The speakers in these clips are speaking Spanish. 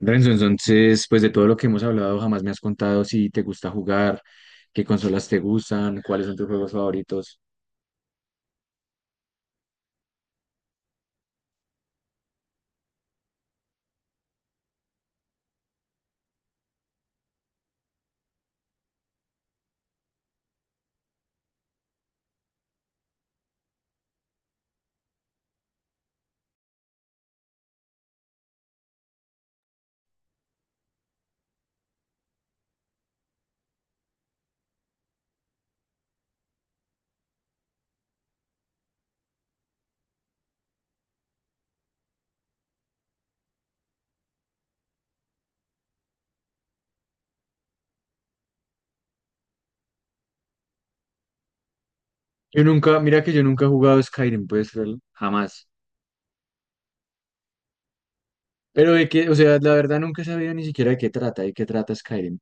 Renzo, entonces, pues de todo lo que hemos hablado, jamás me has contado si te gusta jugar, qué consolas te gustan, cuáles son tus juegos favoritos. Yo nunca, mira que yo nunca he jugado Skyrim, jamás. Pero de que, o sea, la verdad nunca he sabido ni siquiera de qué trata Skyrim.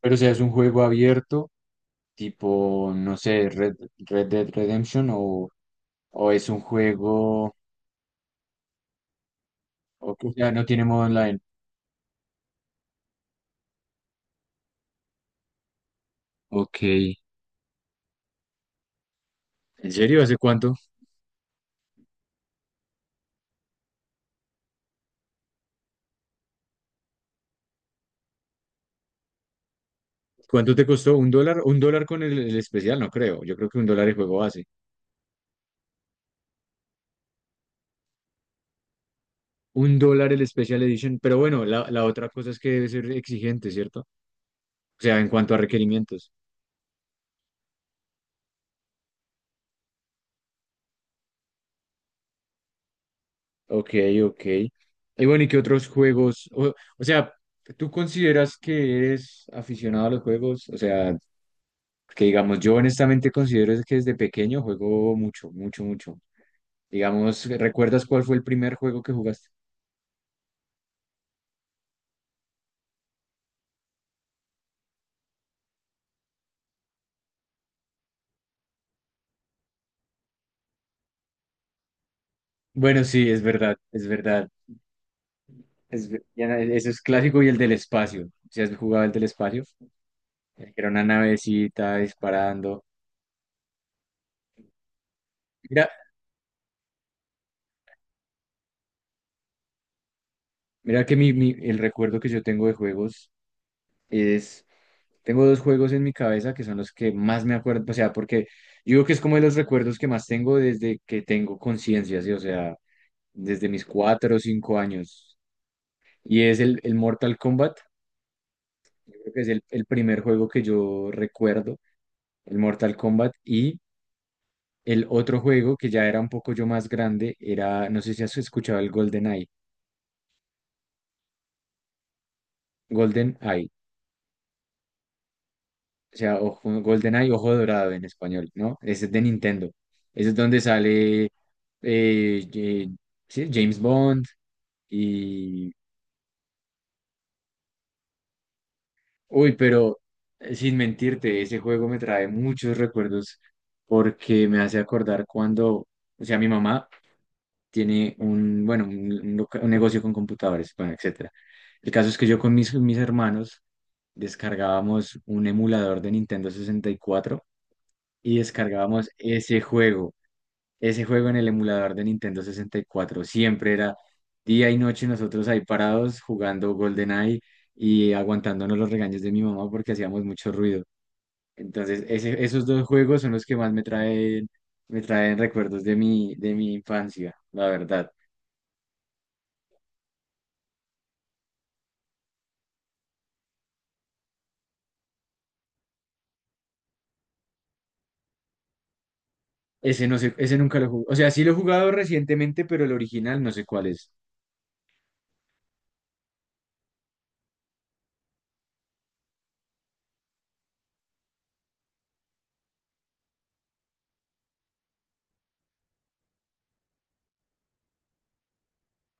Pero o sea, es un juego abierto, tipo, no sé, Red Dead Redemption o es un juego, o sea, no tiene modo online. Ok. ¿En serio? ¿Hace cuánto? ¿Cuánto te costó? ¿$1? $1 con el especial, no creo. Yo creo que $1 el juego base. $1 el Special Edition. Pero bueno, la otra cosa es que debe ser exigente, ¿cierto? O sea, en cuanto a requerimientos. Ok, ok. Y bueno, ¿y qué otros juegos? O sea, ¿tú consideras que eres aficionado a los juegos? O sea, que digamos, yo honestamente considero que desde pequeño juego mucho, mucho, mucho. Digamos, ¿recuerdas cuál fue el primer juego que jugaste? Bueno, sí, es verdad, es verdad. Eso es clásico y el del espacio. Si has jugado el del espacio, el que era una navecita disparando. Mira, mira que el recuerdo que yo tengo de juegos es, tengo dos juegos en mi cabeza que son los que más me acuerdo, o sea, porque yo creo que es como de los recuerdos que más tengo desde que tengo conciencia, ¿sí? O sea, desde mis 4 o 5 años. Y es el Mortal Kombat, yo creo que es el primer juego que yo recuerdo, el Mortal Kombat. El otro juego que ya era un poco yo más grande era, no sé si has escuchado el Golden Eye, Golden Eye, o sea, ojo, Golden Eye, ojo dorado en español, ¿no? Ese es de Nintendo. Ese es donde sale eh, sí, James Bond y... Uy, pero sin mentirte, ese juego me trae muchos recuerdos porque me hace acordar cuando, o sea, mi mamá tiene un, bueno, un negocio con computadores, bueno, etcétera. El caso es que yo con mis hermanos descargábamos un emulador de Nintendo 64 y descargábamos ese juego en el emulador de Nintendo 64. Siempre era día y noche nosotros ahí parados jugando GoldenEye y aguantándonos los regaños de mi mamá porque hacíamos mucho ruido. Entonces, esos dos juegos son los que más me traen recuerdos de mi infancia, la verdad. Ese no sé, ese nunca lo jugué. O sea, sí lo he jugado recientemente, pero el original no sé cuál es.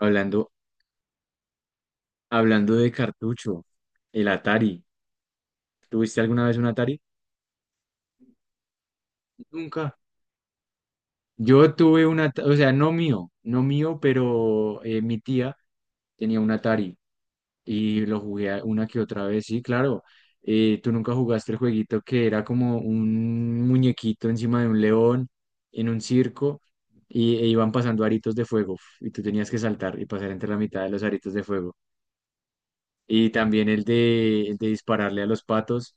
Hablando, hablando de cartucho, el Atari. ¿Tuviste alguna vez un Atari? Nunca. Yo tuve un Atari, o sea, no mío, no mío, pero mi tía tenía un Atari y una que otra vez. Sí, claro. ¿Tú nunca jugaste el jueguito que era como un muñequito encima de un león en un circo? Y, e iban pasando aritos de fuego y tú tenías que saltar y pasar entre la mitad de los aritos de fuego. Y también el de dispararle a los patos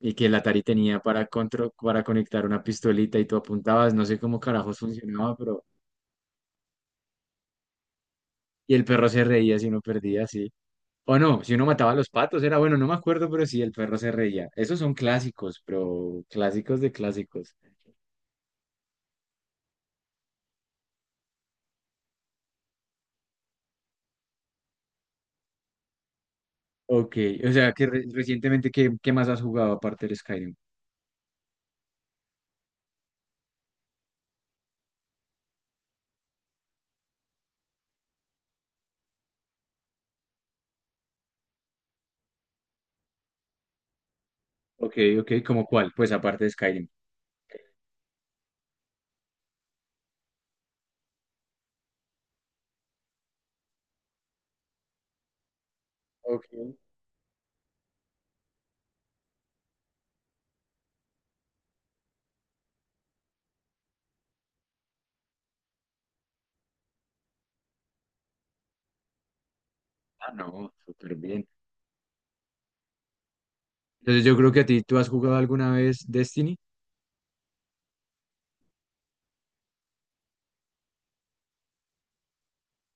y que el Atari tenía para conectar una pistolita y tú apuntabas, no sé cómo carajos funcionaba, pero... Y el perro se reía si uno perdía, sí. O no, si uno mataba a los patos, era bueno, no me acuerdo, pero sí, el perro se reía. Esos son clásicos, pero clásicos de clásicos. Ok, o sea, que recientemente, ¿qué más has jugado aparte del Skyrim? Ok, ok, ¿cómo cuál? Pues aparte de Skyrim. Ok. Ah, no, súper bien. Entonces yo creo que a ti, ¿tú has jugado alguna vez Destiny?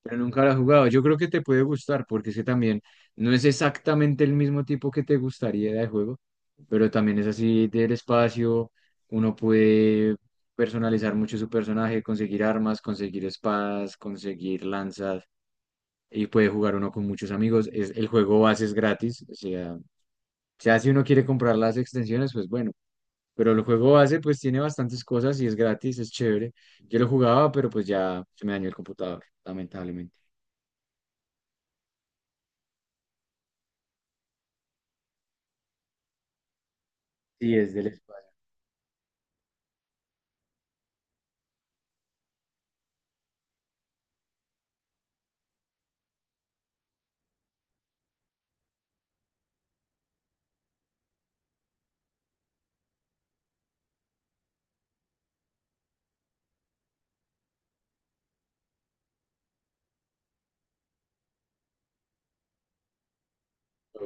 Pero nunca lo he jugado. Yo creo que te puede gustar porque es que también no es exactamente el mismo tipo que te gustaría de juego, pero también es así del espacio. Uno puede personalizar mucho su personaje, conseguir armas, conseguir espadas, conseguir lanzas y puede jugar uno con muchos amigos. Es, el juego base es gratis. O sea, si uno quiere comprar las extensiones, pues bueno. Pero el juego base pues tiene bastantes cosas y es gratis, es chévere. Yo lo jugaba, pero pues ya se me dañó el computador, lamentablemente. Sí, es del espacio.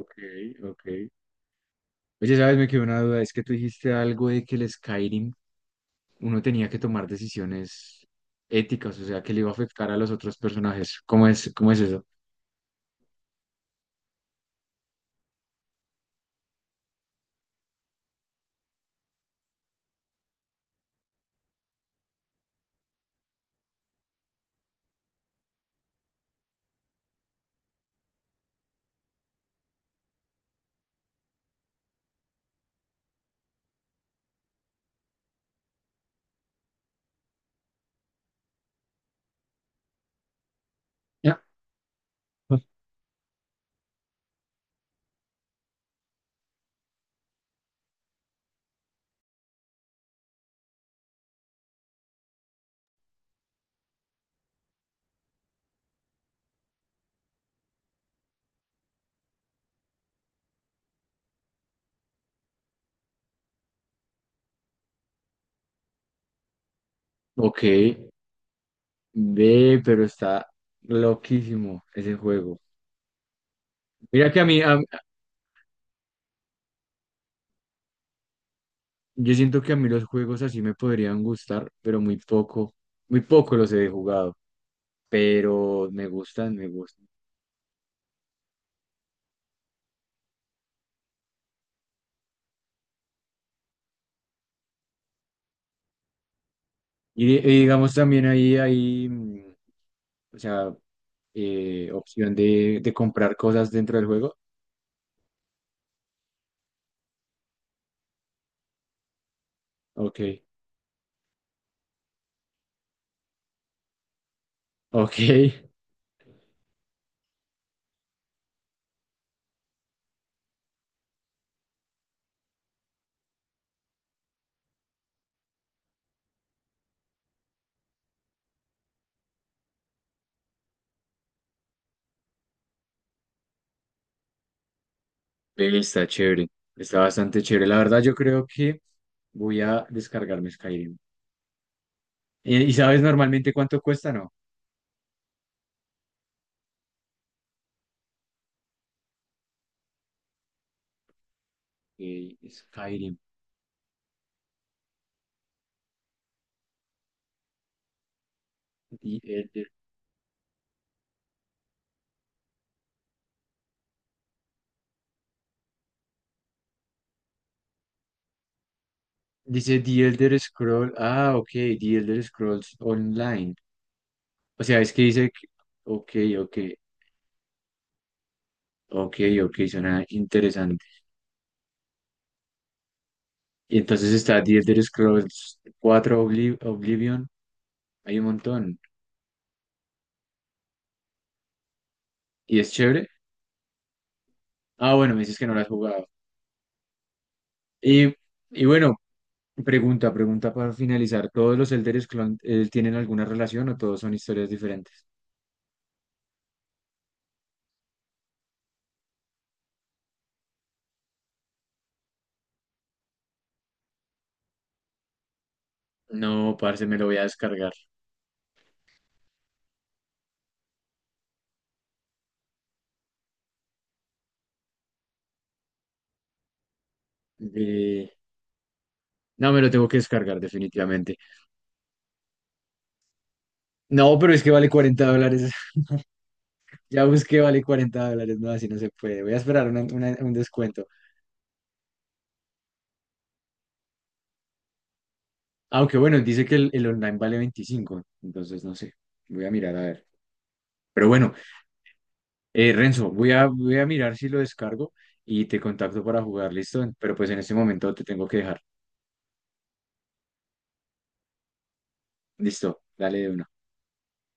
Ok, ok. Oye, ¿sabes? Me quedó una duda. Es que tú dijiste algo de que el Skyrim uno tenía que tomar decisiones éticas, o sea, que le iba a afectar a los otros personajes. ¿Cómo es eso? Ya. Ok, ve, pero está loquísimo ese juego. Mira que yo siento que a mí los juegos así me podrían gustar, pero muy poco los he jugado, pero me gustan, me gustan. Y digamos también o sea, opción de comprar cosas dentro del juego. Ok, ok. Ve, está chévere. Está bastante chévere. La verdad, yo creo que voy a descargarme Skyrim. ¿Y sabes normalmente cuánto cuesta? No. Ok, Skyrim. The Elder- Dice The Elder Scroll. Ah, ok. The Elder Scrolls Online. O sea, es que dice que... Ok, ok. Ok, ok. Suena interesante. Y entonces está The Elder Scrolls IV Oblivion. Hay un montón. ¿Y es chévere? Ah, bueno, me dices que no lo has jugado. Y, y bueno, pregunta para finalizar. ¿Todos los Elder Scrolls tienen alguna relación o todos son historias diferentes? No, parce, me lo voy a descargar. Eh, no, me lo tengo que descargar definitivamente. No, pero es que vale $40. Ya busqué, vale $40. No, así no se puede. Voy a esperar un descuento. Aunque bueno, dice que el online vale 25. Entonces, no sé. Voy a mirar a ver. Pero bueno, Renzo, voy a mirar si lo descargo y te contacto para jugar, ¿listo? Pero pues en este momento te tengo que dejar. Listo, dale de una.